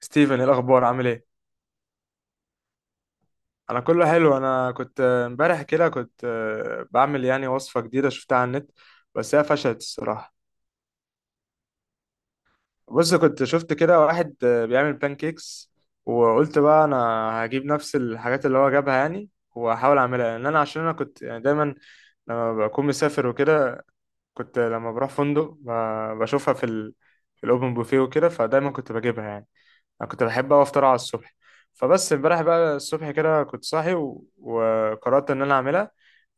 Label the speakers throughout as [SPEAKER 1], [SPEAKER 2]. [SPEAKER 1] ستيفن، إيه الاخبار؟ عامل ايه؟ انا كله حلو. انا كنت امبارح كده كنت بعمل يعني وصفه جديده شفتها على النت. بس هي فشلت الصراحه. بص، كنت شفت كده واحد بيعمل بانكيكس. وقلت بقى انا هجيب نفس الحاجات اللي هو جابها يعني. واحاول اعملها لان انا عشان انا كنت يعني دايما لما بكون مسافر وكده. كنت لما بروح فندق بشوفها في في الاوبن بوفيه وكده، فدايما كنت بجيبها يعني. انا كنت بحب اوي افطر على الصبح. فبس امبارح بقى الصبح كده كنت صاحي وقررت ان انا اعملها.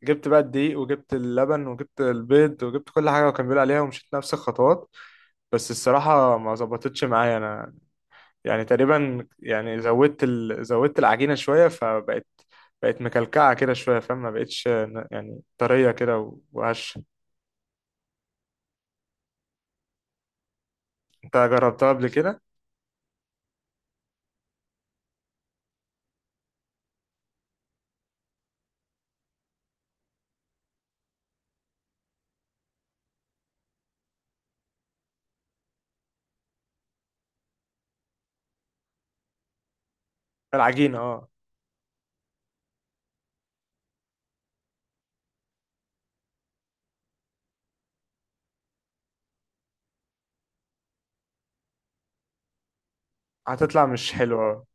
[SPEAKER 1] جبت بقى الدقيق وجبت اللبن وجبت البيض وجبت كل حاجه وكان بيقول عليها ومشيت نفس الخطوات. بس الصراحه ما ظبطتش معايا انا، يعني تقريبا يعني زودت العجينه شويه فبقت. بقت مكلكعه كده شويه، فاهم؟ ما بقتش يعني طريه كده وهشه. انت جربتها قبل كده؟ العجينه، اه. هتطلع مش حلوه.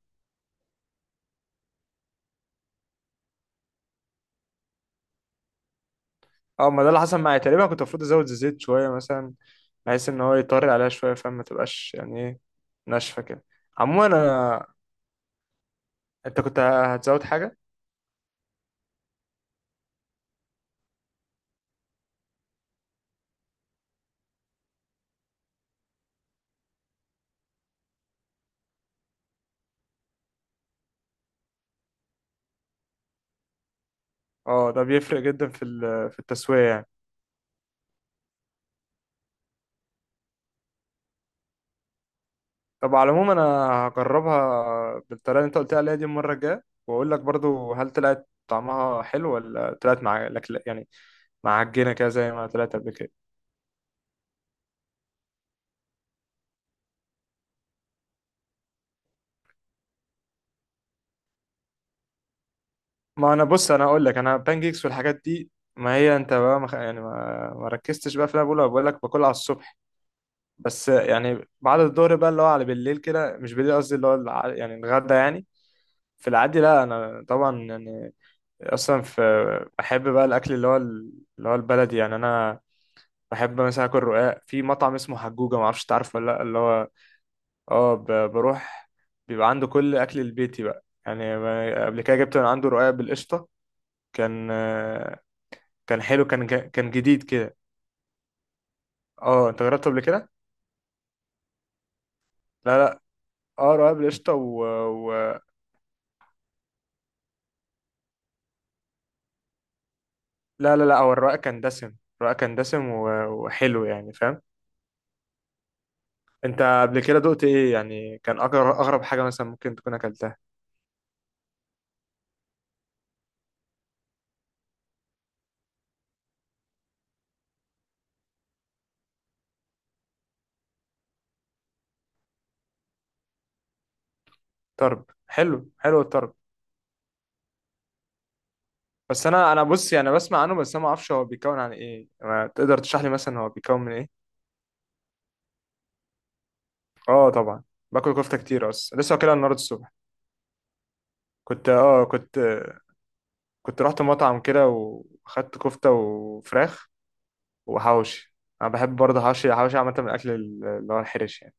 [SPEAKER 1] اه، ما ده اللي حصل معايا. تقريبا كنت المفروض ازود الزيت شويه مثلا، بحيث ان هو يطري عليها شويه فما تبقاش يعني ايه، ناشفه كده. عموما انا، انت كنت هتزود حاجه؟ اه، ده بيفرق جدا في في التسويه يعني. طب على العموم انا هجربها بالطريقه اللي انت قلت عليها دي المره الجايه، واقول لك برضو هل طلعت طعمها حلو ولا طلعت مع لك يعني معجنه كده زي ما طلعت قبل كده. ما انا بص، انا اقول لك، انا بان كيكس والحاجات دي، ما هي انت بقى يعني ما ركزتش بقى في اللي انا بقوله. بقول لك باكلها على الصبح، بس يعني بعد الظهر بقى، اللي هو على بالليل كده. مش بالليل، قصدي اللي هو يعني الغدا يعني. في العادي لا، انا طبعا يعني اصلا في، بحب بقى الاكل اللي هو اللي هو البلدي يعني. انا بحب مثلا اكل رقاق في مطعم اسمه حجوجة، ما اعرفش تعرف ولا لا، اللي هو، اه، بروح. بيبقى عنده كل اكل البيتي بقى يعني. قبل كده جبت من عنده رقاق بالقشطة. كان آه، كان حلو، كان جديد كده. اه، انت جربته قبل كده؟ لا لا. اه، رقاق بالقشطة. لا لا لا، هو الرقاق كان دسم. الرقاق كان دسم وحلو يعني، فاهم؟ انت قبل كده دقت ايه يعني؟ كان اغرب اغرب حاجه مثلا ممكن تكون اكلتها؟ طرب، حلو حلو الطرب. بس انا بص، يعني بسمع عنه بس انا ما اعرفش هو بيتكون عن ايه. ما تقدر تشرح لي مثلا هو بيتكون من ايه؟ اه طبعا، باكل كفته كتير اصلا، لسه واكلها النهارده الصبح. كنت اه كنت كنت رحت مطعم كده واخدت كفته وفراخ وحوشي. انا بحب برضه حوشي حوشي عامه من الاكل اللي هو الحرش يعني.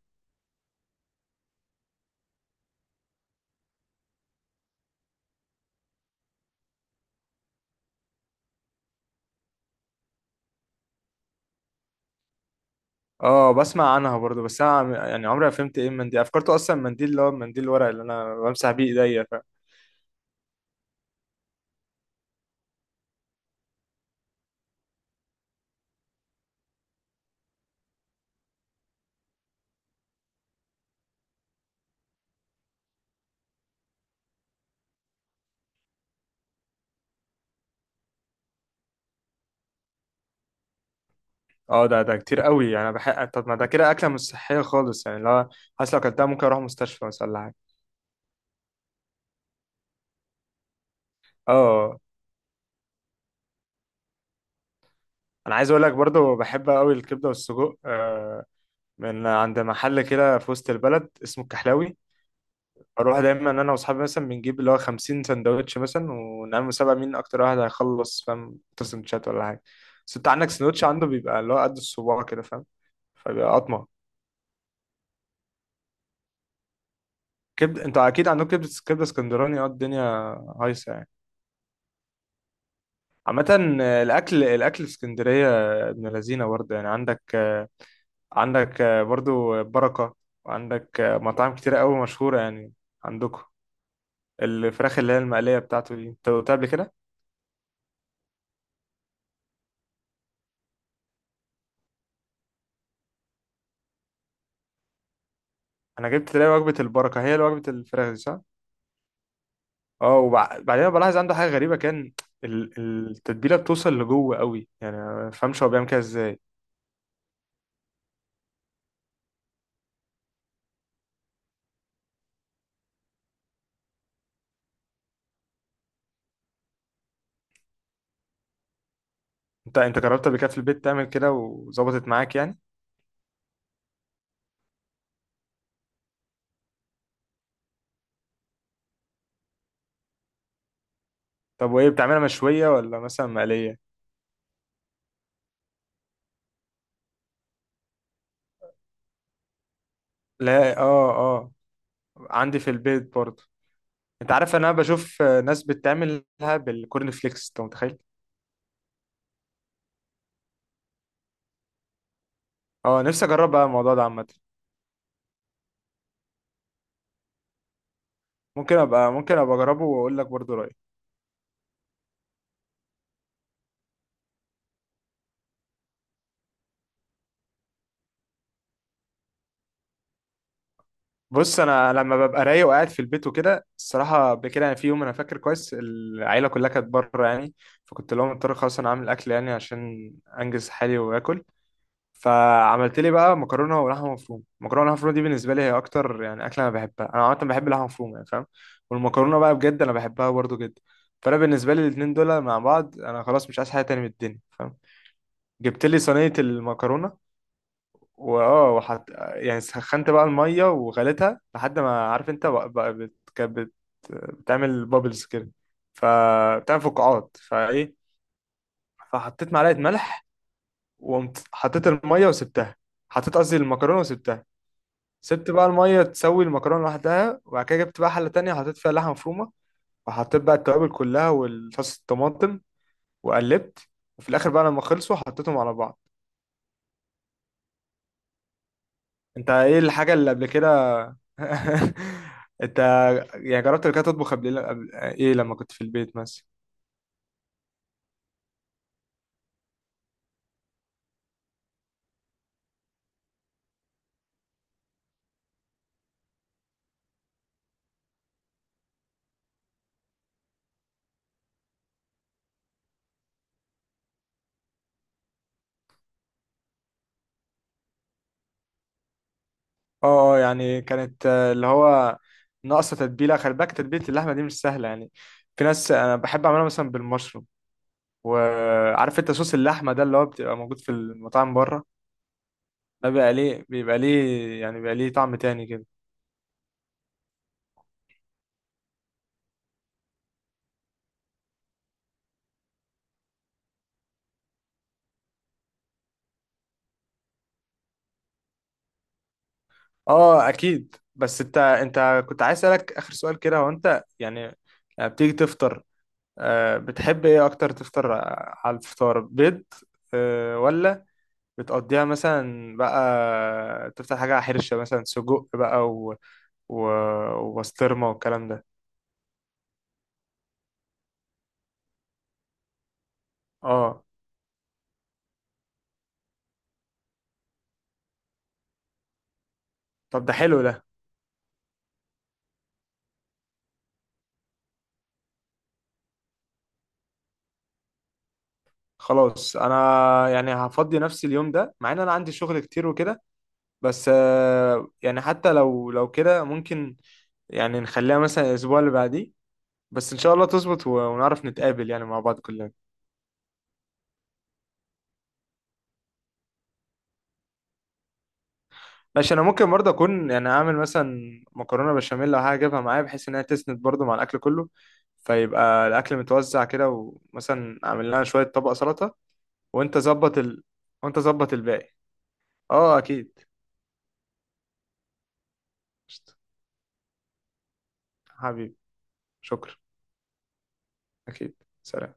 [SPEAKER 1] اه بسمع عنها برضو، بس انا يعني عمري ما فهمت ايه المنديل. افكرته اصلا المنديل اللي هو المنديل الورق اللي انا بمسح بيه ايديا اه ده كتير قوي يعني. أنا بحق، طب ما ده كده اكله مش صحيه خالص يعني. لو، حاسس لو اكلتها ممكن اروح مستشفى مثلا ولا حاجه. اه، انا عايز اقول لك برضو، بحب قوي الكبده والسجق من عند محل كده في وسط البلد اسمه الكحلاوي. اروح دايما انا واصحابي، مثلا بنجيب اللي هو 50 سندوتش مثلا، ونعمل مسابقه مين اكتر واحد هيخلص، فاهم؟ 6 سندوتشات ولا حاجه. بس انت عندك سندوتش، عنده بيبقى اللي هو قد الصباع كده، فاهم؟ فبيبقى قطمة. كبد، انتوا اكيد عندكم كبدة، كبدة اسكندراني. اه الدنيا هايصة يعني عامة. الأكل في اسكندرية، ابن لذينة برضه يعني. عندك برضه بركة، وعندك مطاعم كتيرة أوي مشهورة يعني. عندكم الفراخ اللي هي المقلية بتاعته دي انت قلتها قبل كده. أنا جبت، تلاقي وجبة البركة هي اللي وجبة الفراخ دي، صح؟ اه. وبعدين بلاحظ عنده حاجة غريبة، كان التتبيلة بتوصل لجوه قوي يعني، ما بفهمش هو بيعمل كده ازاي. انت جربت قبل كده في البيت تعمل كده وظبطت معاك يعني؟ طب وايه، بتعملها مشوية ولا مثلا مقلية؟ لا اه اه، عندي في البيت برضه. انت عارف انا بشوف ناس بتعملها بالكورن فليكس، انت متخيل؟ اه نفسي اجرب بقى الموضوع ده عامة. ممكن ابقى اجربه واقول لك برضه رأيي. بص انا لما ببقى رايق وقاعد في البيت وكده الصراحة بكده يعني. في يوم انا فاكر كويس العيلة كلها كانت بره يعني، فكنت لهم مضطر خلاص انا عامل اكل يعني عشان انجز حالي واكل. فعملت لي بقى مكرونه ولحمه مفرومه. المكرونه واللحمه المفرومه دي بالنسبه لي هي اكتر يعني اكله انا بحبها. انا عامه بحب اللحمه المفرومه يعني، فاهم؟ والمكرونه بقى بجد انا بحبها برضو جدا. فانا بالنسبه لي الاثنين دول مع بعض، انا خلاص مش عايز حاجه تاني من الدنيا، فاهم؟ جبت لي صينيه المكرونه، واه وحط يعني، سخنت بقى الميه وغليتها لحد ما، عارف انت، بقى بتعمل بابلز كده، فبتعمل فقاعات فايه. فحطيت معلقه ملح، وقمت حطيت الميه وسبتها. حطيت قصدي المكرونه وسبتها. سبت بقى المية تسوي المكرونة لوحدها. وبعد كده جبت بقى حلة تانية حطيت فيها لحمة مفرومة، وحطيت بقى التوابل كلها والصوص الطماطم، وقلبت. وفي الآخر بقى لما خلصوا حطيتهم على بعض. أنت إيه الحاجة اللي قبل كده، أنت يعني جربت قبل كده تطبخ، إيه، لما كنت في البيت مثلا؟ أه أه، يعني كانت اللي هو ناقصة تتبيلة. خلي بالك، تتبيلة اللحمة دي مش سهلة يعني. في ناس، أنا بحب أعملها مثلا بالمشروم. وعارف أنت صوص اللحمة ده اللي هو بتبقى موجود في المطاعم بره؟ ده بيبقى ليه، يعني بيبقى ليه طعم تاني كده. اه اكيد. بس انت كنت عايز اسالك اخر سؤال كده. هو انت يعني لما بتيجي تفطر، بتحب ايه اكتر تفطر؟ على الفطار بيض، ولا بتقضيها مثلا بقى تفطر حاجة حرشة مثلا سجق بقى و... وبسطرمة والكلام ده؟ اه طب ده حلو ده. خلاص، انا يعني هفضي نفسي اليوم ده، مع ان انا عندي شغل كتير وكده. بس يعني حتى لو كده ممكن يعني نخليها مثلا الاسبوع اللي بعديه. بس ان شاء الله تظبط ونعرف نتقابل يعني مع بعض كلنا. ماشي، انا ممكن برضه اكون يعني اعمل مثلا مكرونه بشاميل او حاجه اجيبها معايا، بحيث انها تسند برضه مع الاكل كله، فيبقى الاكل متوزع كده. ومثلا اعمل لنا شويه طبق سلطه، وانت ظبط ال... وانت ظبط الباقي. اه اكيد. قشطة. حبيبي، شكرا. اكيد. سلام.